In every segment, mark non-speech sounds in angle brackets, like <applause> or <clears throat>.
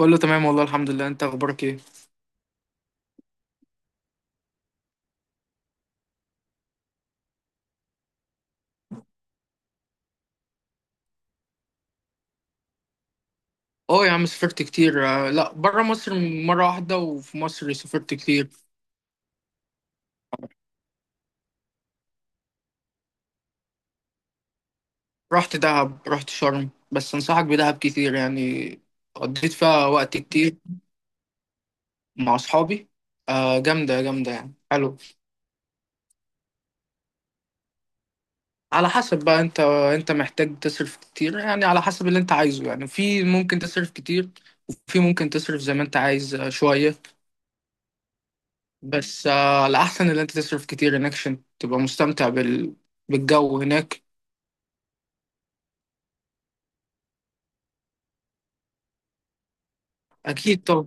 كله تمام والله، الحمد لله. انت اخبارك ايه؟ اه يا عم، سافرت كتير. لا، بره مصر مره واحده، وفي مصر سافرت كتير. رحت دهب، رحت شرم، بس انصحك بدهب كتير يعني. قضيت فيها وقت كتير مع اصحابي. آه جامده جامده يعني، حلو. على حسب بقى انت. انت محتاج تصرف كتير يعني، على حسب اللي انت عايزه يعني. في ممكن تصرف كتير، وفي ممكن تصرف زي ما انت عايز شويه. بس الاحسن اللي انت تصرف كتير هناك عشان تبقى مستمتع بالجو هناك. أكيد طبعا.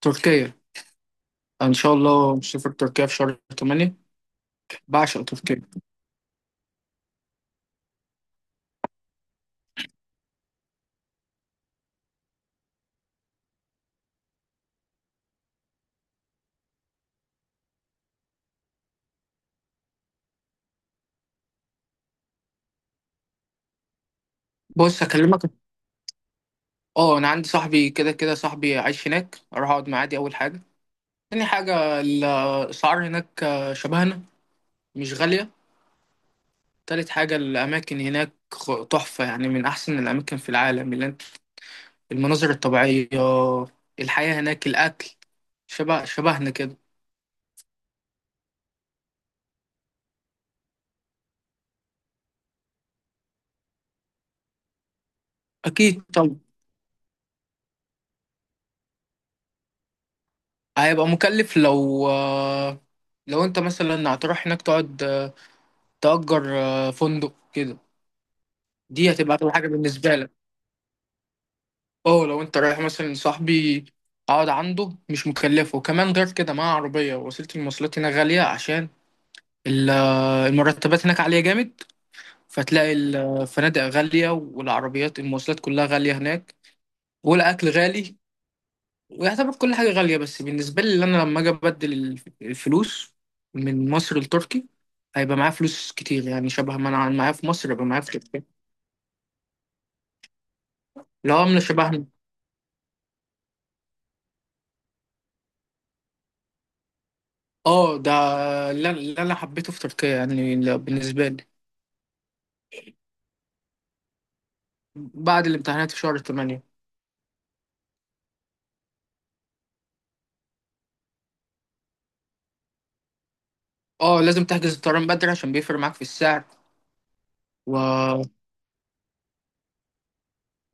تركيا. إن شاء الله مسافر تركيا في شهر 8. بعشق تركيا. بص هكلمك. أه، أنا عندي صاحبي. كده كده صاحبي عايش هناك، أروح أقعد معاه، دي أول حاجة. تاني حاجة، الأسعار هناك شبهنا، مش غالية. تالت حاجة، الأماكن هناك تحفة، يعني من أحسن الأماكن في العالم. اللي أنت المناظر الطبيعية، الحياة هناك، الأكل، شبهنا كده. أكيد طبعا. هيبقى مكلف لو لو أنت مثلا هتروح هناك تقعد تأجر فندق كده، دي هتبقى أغلى حاجة بالنسبة لك. اه، لو انت رايح مثلا صاحبي، اقعد عنده مش مكلفه. وكمان غير كده معاه عربية. وسيلة المواصلات هنا غالية، عشان ال- المرتبات هناك عالية جامد. فتلاقي الفنادق غالية، والعربيات المواصلات كلها غالية هناك، والأكل غالي. ويعتبر كل حاجة غالية، بس بالنسبة لي اللي أنا لما أجي أبدل الفلوس من مصر لتركي، هيبقى معايا فلوس كتير، يعني شبه ما أنا معايا في مصر يبقى معايا في تركيا. لو عملة شبهنا. اه، ده اللي أنا حبيته في تركيا يعني، ل- بالنسبة لي. بعد الامتحانات في شهر 8. اه، لازم تحجز الطيران بدري عشان بيفرق معاك في السعر. و...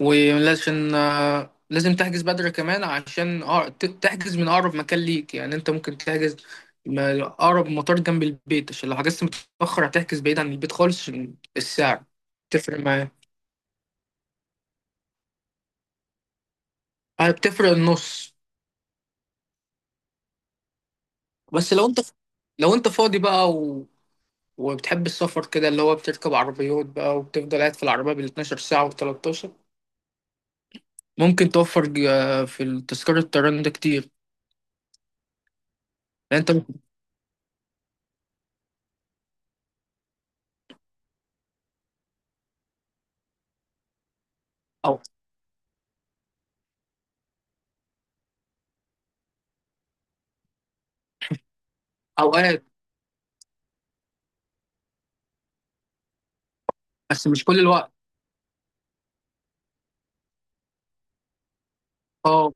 ولازم لازم تحجز بدري كمان، عشان تحجز من أقرب مكان ليك. يعني أنت ممكن تحجز أقرب مطار جنب البيت. عشان لو حجزت متأخر هتحجز بعيد عن البيت خالص، عشان السعر تفرق معاك. آه، بتفرق النص. بس لو أنت لو أنت فاضي بقى وبتحب السفر كده، اللي هو بتركب عربيات بقى وبتفضل قاعد في العربية بال12 ساعة و13، ممكن توفر في تذكرة الطيران ده كتير. لأن أنت ممكن- أو أوقات. بس مش كل الوقت. أه،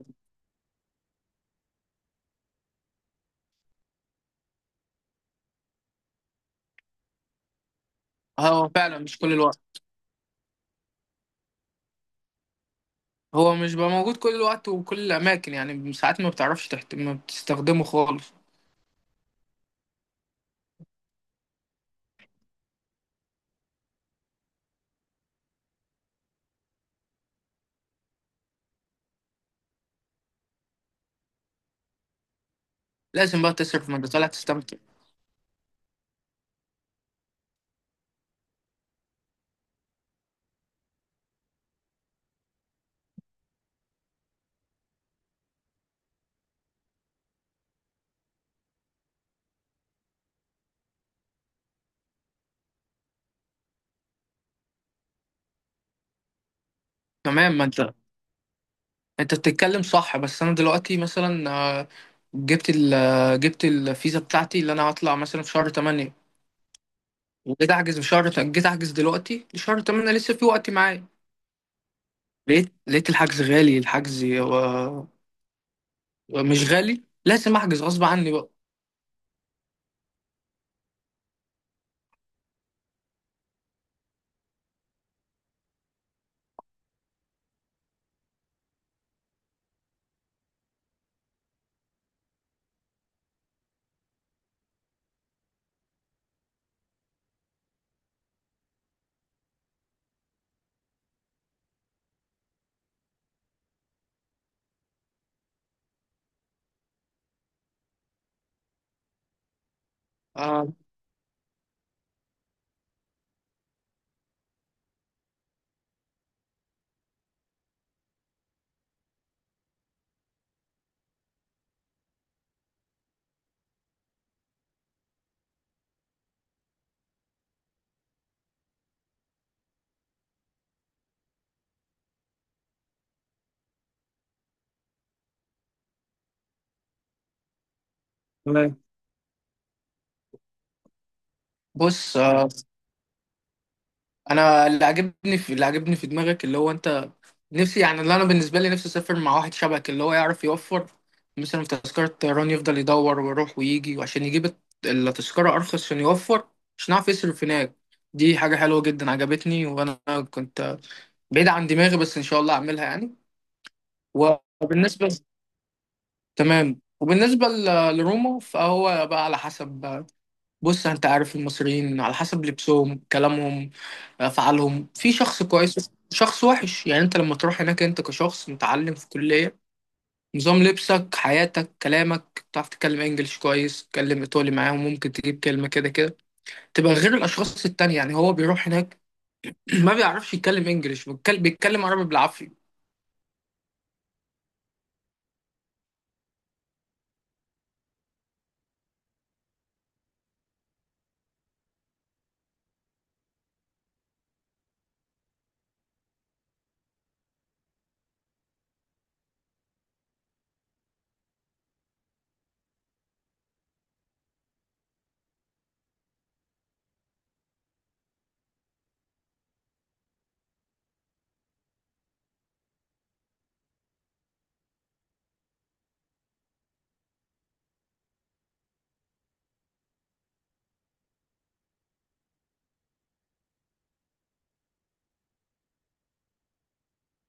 هو فعلا مش كل الوقت. هو مش بقى موجود كل الوقت وكل الأماكن يعني. ساعات ما بتعرفش ما بتستخدمه خالص. لازم بقى تصرف، ما أنت طالع تستمتع. تمام ما أنت أنت بتتكلم صح. بس أنا دلوقتي مثلا آه، جبت ال... آه، جبت الفيزا بتاعتي اللي أنا هطلع مثلا في شهر 8. وجيت احجز في شهر جيت احجز دلوقتي شهر 8 لسه في وقت معايا. لقيت الحجز غالي، مش غالي، لازم احجز غصب عني بقى. آه. تمام. بص انا اللي عجبني في دماغك، اللي هو انت نفسي يعني. اللي انا بالنسبه لي نفسي اسافر مع واحد شبهك، اللي هو يعرف يوفر. مثلا في تذكره طيران يفضل يدور ويروح ويجي، وعشان يجيب التذكره ارخص، عشان يوفر، عشان يعرف يصرف هناك. دي حاجه حلوه جدا، عجبتني. وانا كنت بعيد عن دماغي، بس ان شاء الله اعملها يعني. وبالنسبة تمام. وبالنسبة ل- لروما فهو بقى على حسب. بص انت عارف المصريين على حسب لبسهم، كلامهم، افعالهم، في شخص كويس شخص وحش. يعني انت لما تروح هناك انت كشخص متعلم في كلية، نظام لبسك، حياتك، كلامك، تعرف تتكلم انجلش كويس، تتكلم ايطالي معاهم ممكن تجيب كلمة كده كده، تبقى غير الاشخاص التانية. يعني هو بيروح هناك <clears throat> ما بيعرفش يتكلم انجلش، بيتكلم عربي بالعافية.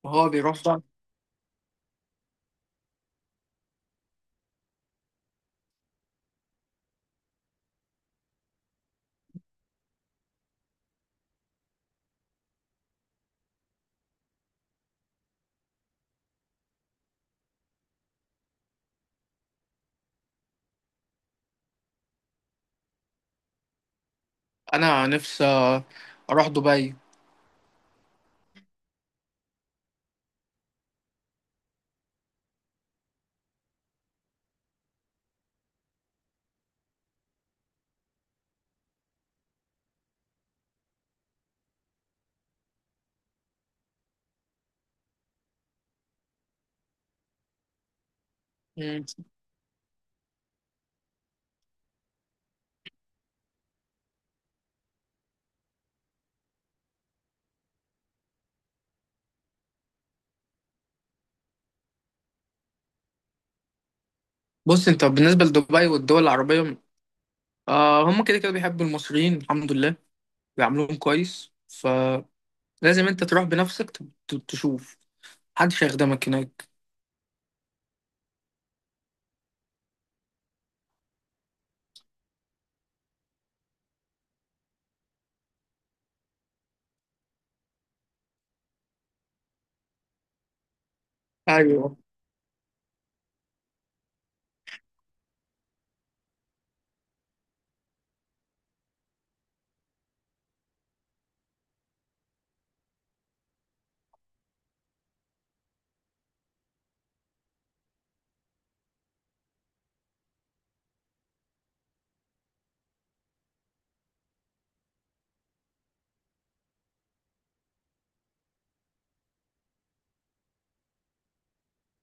وهو بيروح بقى. انا نفسي اروح دبي. بص انت بالنسبه لدبي والدول العربيه، آه، هم كده كده بيحبوا المصريين الحمد لله، بيعاملوهم كويس. فلازم انت تروح بنفسك تشوف. محدش هيخدمك هناك. ايوه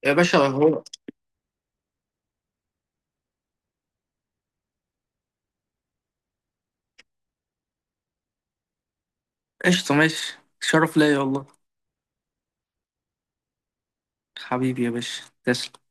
يا باشا، هو قشطه، ماشي، شرف ليا والله. حبيبي يا باشا، تسلم.